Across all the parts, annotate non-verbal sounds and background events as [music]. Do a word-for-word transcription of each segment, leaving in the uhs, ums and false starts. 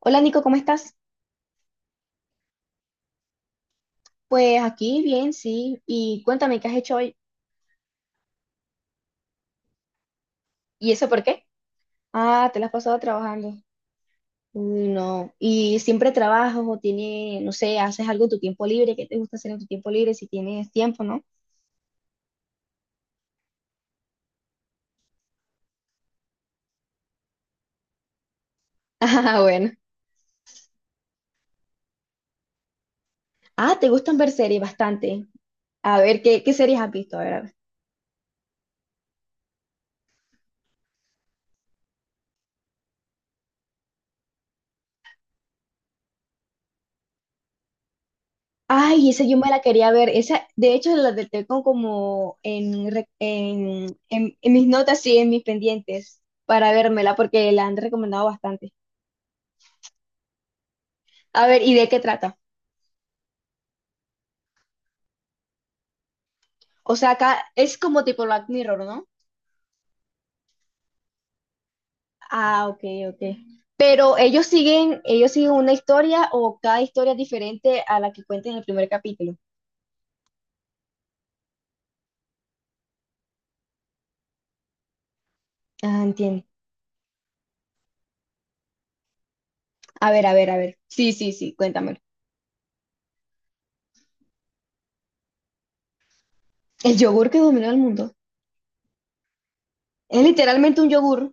Hola Nico, ¿cómo estás? Pues aquí bien, sí. Y cuéntame, ¿qué has hecho hoy? ¿Y eso por qué? Ah, te la has pasado trabajando. Uy, no. ¿Y siempre trabajas o tiene, no sé, haces algo en tu tiempo libre? ¿Qué te gusta hacer en tu tiempo libre si tienes tiempo, no? [laughs] Ah, bueno. Ah, ¿te gustan ver series bastante? A ver, ¿qué, qué series has visto? A ver, a ver. Ay, esa yo me la quería ver. Esa, de hecho, la del tengo como como en, re- en, en en mis notas, sí, en mis pendientes para vérmela porque la han recomendado bastante. A ver, ¿y de qué trata? O sea, acá es como tipo Black Mirror, ¿no? Ah, ok, ok. Pero ellos siguen, ellos siguen una historia o cada historia es diferente a la que cuenta en el primer capítulo. Ah, entiendo. A ver, a ver, a ver. Sí, sí, sí, cuéntame. El yogur que dominó el mundo. Es literalmente un yogur.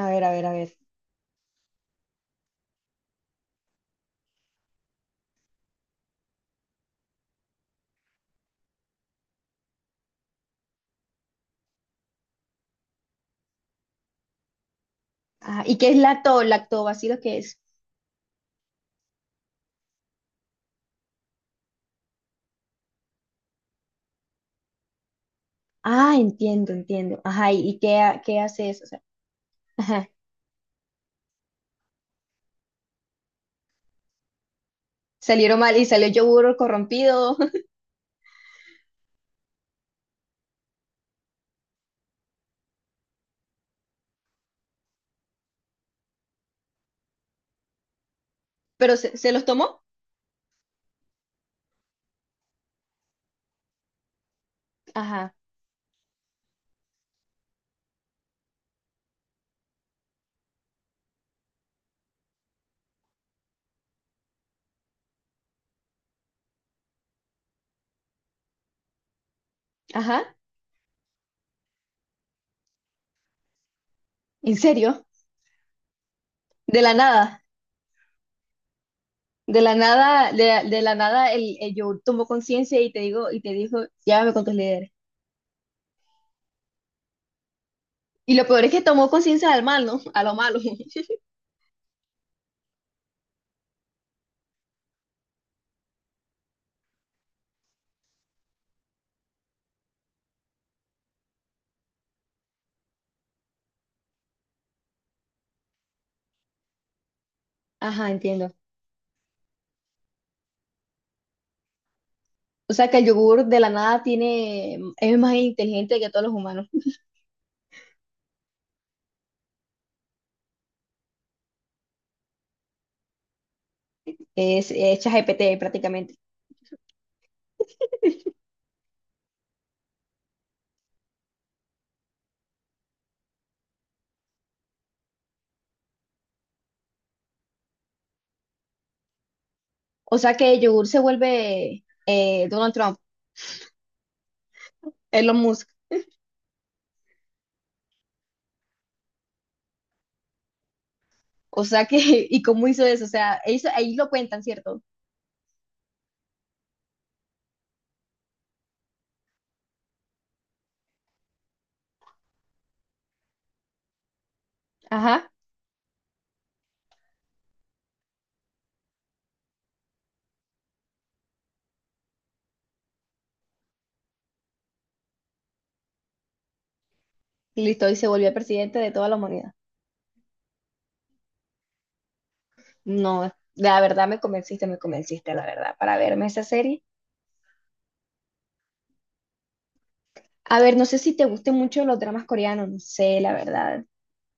A ver, a ver, a ver. Ah, ¿y qué es lacto, lactobacilo que es? Ah, entiendo, entiendo. Ajá, ¿y, y qué, ha- qué hace eso? O sea, ajá, salieron mal y salió yogur corrompido. [laughs] Pero se, se los tomó. Ajá. Ajá. ¿En serio? De la nada, de la nada, de, de la nada el, el yo tomó conciencia y te digo, y te dijo, llévame con tus líderes. Y lo peor es que tomó conciencia del mal, ¿no? A lo malo. [laughs] Ajá, entiendo. O sea que el yogur de la nada tiene, es más inteligente que todos los humanos. Es, es ChatGPT prácticamente. O sea que el yogur se vuelve eh, Donald Trump, Elon Musk. O sea que, [laughs] ¿y cómo hizo eso? O sea, eso, ahí lo cuentan, ¿cierto? Ajá. Listo, y se volvió el presidente de toda la humanidad. No, la verdad me convenciste, me convenciste, la verdad, para verme esa serie. A ver, no sé si te gusten mucho los dramas coreanos, no sé, la verdad.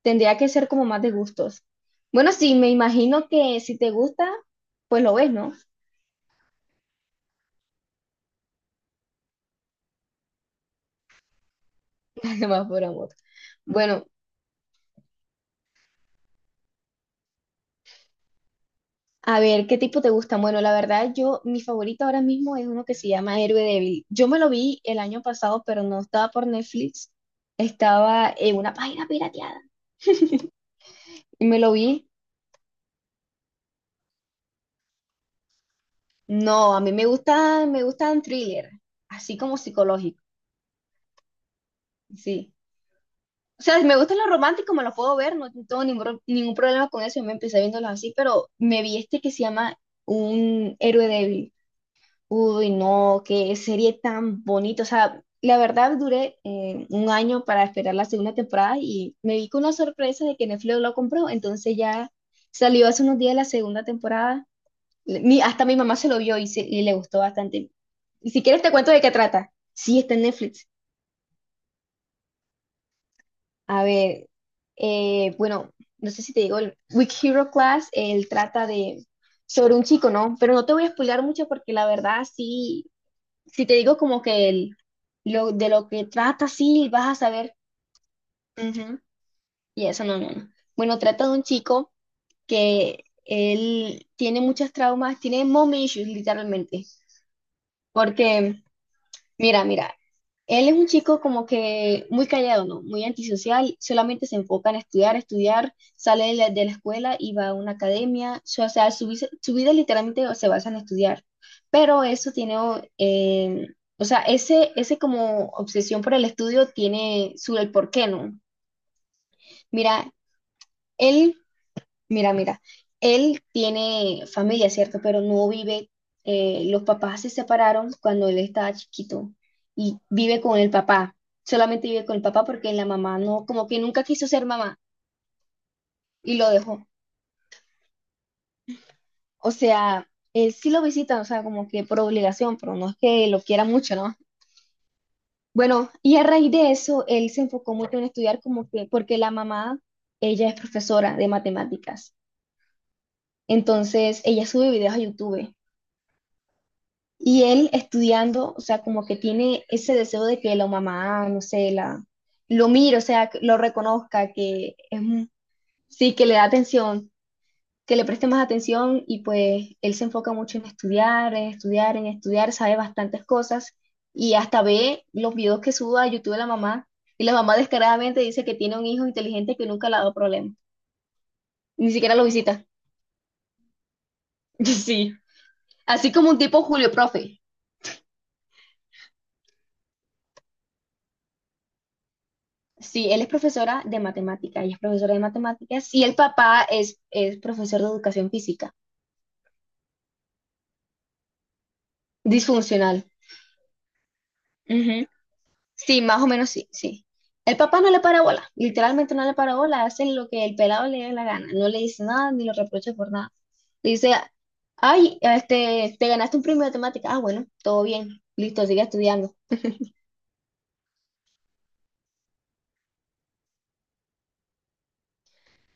Tendría que ser como más de gustos. Bueno, sí, me imagino que si te gusta, pues lo ves, ¿no? [laughs] Además, por amor. Bueno, a ver, ¿qué tipo te gusta? Bueno, la verdad, yo, mi favorito ahora mismo es uno que se llama Héroe Débil. Yo me lo vi el año pasado, pero no estaba por Netflix, estaba en una página pirateada. Y me lo vi. No, a mí me gustan, me gustan thriller, así como psicológico, sí. O sea, si me gustan los románticos, me los puedo ver, no tengo ningún, ningún problema con eso, yo me empecé viéndolos así, pero me vi este que se llama Un héroe débil. Uy, no, qué serie tan bonita. O sea, la verdad duré eh, un año para esperar la segunda temporada y me vi con la sorpresa de que Netflix lo compró, entonces ya salió hace unos días la segunda temporada. Mi, hasta mi mamá se lo vio y, se- y le gustó bastante. Y si quieres te cuento de qué trata. Sí, está en Netflix. A ver, eh, bueno, no sé si te digo, el Weak Hero Class, él trata de sobre un chico, ¿no? Pero no te voy a spoilear mucho porque la verdad sí, si te digo como que el, lo, de lo que trata, sí, vas a saber. Ujú. Y eso no, no, no. Bueno, trata de un chico que él tiene muchos traumas, tiene mom issues literalmente. Porque, mira, mira, él es un chico como que muy callado, ¿no? Muy antisocial, solamente se enfoca en estudiar, estudiar, sale de la, de la escuela y va a una academia, su- o sea, su, vi- su vida literalmente se basa en estudiar, pero eso tiene, o eh, o sea, ese, ese como obsesión por el estudio tiene su el porqué, ¿no? Mira, él. Mira, mira, él tiene familia, ¿cierto? Pero no vive, eh, los papás se separaron cuando él estaba chiquito y vive con el papá, solamente vive con el papá porque la mamá no, como que nunca quiso ser mamá y lo dejó. O sea, él sí lo visita, o sea, como que por obligación, pero no es que lo quiera mucho, ¿no? Bueno, y a raíz de eso, él se enfocó mucho en estudiar como que, porque la mamá, ella es profesora de matemáticas, entonces ella sube videos a YouTube. Y él estudiando, o sea, como que tiene ese deseo de que la mamá, no sé, la, lo mire, o sea, que lo reconozca, que es, un- sí, que le da atención, que le preste más atención y pues él se enfoca mucho en estudiar, en estudiar, en estudiar, sabe bastantes cosas y hasta ve los videos que sube a YouTube de la mamá y la mamá descaradamente dice que tiene un hijo inteligente que nunca le ha dado problemas, ni siquiera lo visita. [laughs] Sí, así como un tipo Julio Profe. Sí, él es profesora de matemática, ella es profesora de matemáticas y el papá es, es profesor de educación física, disfuncional. Ujú. Sí, más o menos sí, sí. El papá no le para bola, literalmente no le para bola, hace lo que el pelado le dé la gana, no le dice nada ni lo reprocha por nada. Le dice, ay, este, te ganaste un premio de matemática, ah, bueno, todo bien, listo, sigue estudiando. O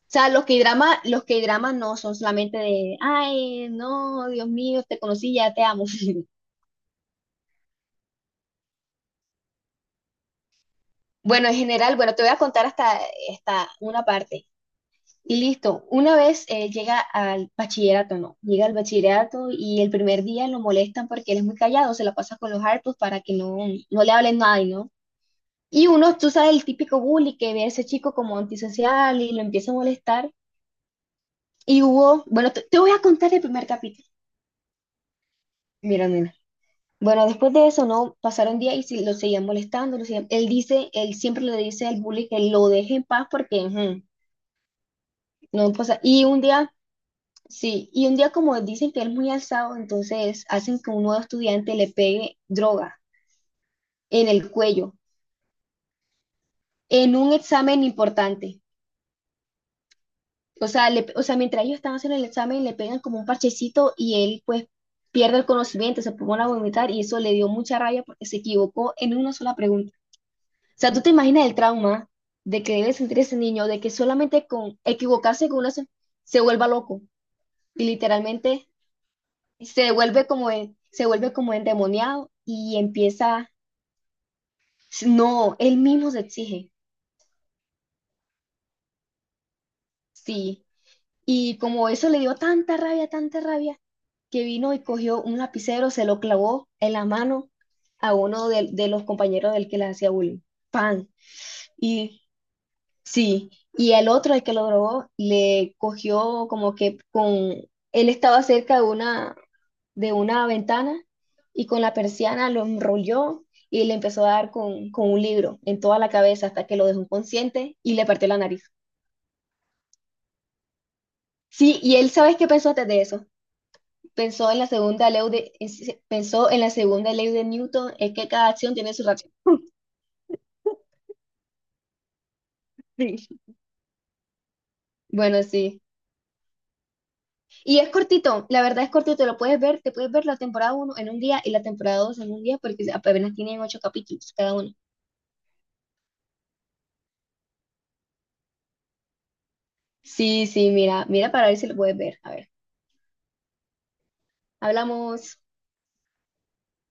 sea, los K-dramas, los K-dramas no son solamente de, ay, no, Dios mío, te conocí, ya te amo. Bueno, en general, bueno, te voy a contar hasta, hasta una parte. Y listo, una vez eh, llega al bachillerato, no, llega al bachillerato y el primer día lo molestan porque él es muy callado, se la pasa con los hartos para que no, no le hablen nadie, ¿no? Y uno, tú sabes, el típico bully que ve a ese chico como antisocial y lo empieza a molestar. Y hubo, bueno, te, te voy a contar el primer capítulo. Mira, mira. Bueno, después de eso, ¿no? Pasaron días y si- lo seguían molestando, lo seguían. Él dice, él siempre le dice al bully que lo deje en paz porque ujú, no pasa. Y un día, sí, y un día como dicen que él es muy alzado, entonces hacen que un nuevo estudiante le pegue droga en el cuello, en un examen importante. O sea, le- o sea, mientras ellos están haciendo el examen, le pegan como un parchecito y él pues pierde el conocimiento, se pone a vomitar y eso le dio mucha rabia porque se equivocó en una sola pregunta. O sea, ¿tú te imaginas el trauma de que debe sentir ese niño, de que solamente con equivocarse con una se, se vuelva loco y literalmente se vuelve como, en- se vuelve como endemoniado y empieza, no, él mismo se exige, sí. Y como eso le dio tanta rabia, tanta rabia, que vino y cogió un lapicero, se lo clavó en la mano a uno de, de los compañeros del que le hacía bullying. Pan. Y sí, y el otro, el que lo drogó, le cogió como que con, él estaba cerca de una, de una ventana y con la persiana lo enrolló y le empezó a dar con, con un libro en toda la cabeza hasta que lo dejó inconsciente y le partió la nariz. Sí, y él, ¿sabes qué pensó antes de eso? Pensó en la segunda ley de, es- pensó en la segunda ley de Newton, es que cada acción tiene su reacción. Sí. Bueno, sí. Y es cortito, la verdad es cortito, lo puedes ver, te puedes ver la temporada uno en un día y la temporada dos en un día porque apenas tienen ocho capítulos cada uno. Sí, sí, mira, mira para ver si lo puedes ver. A ver, hablamos.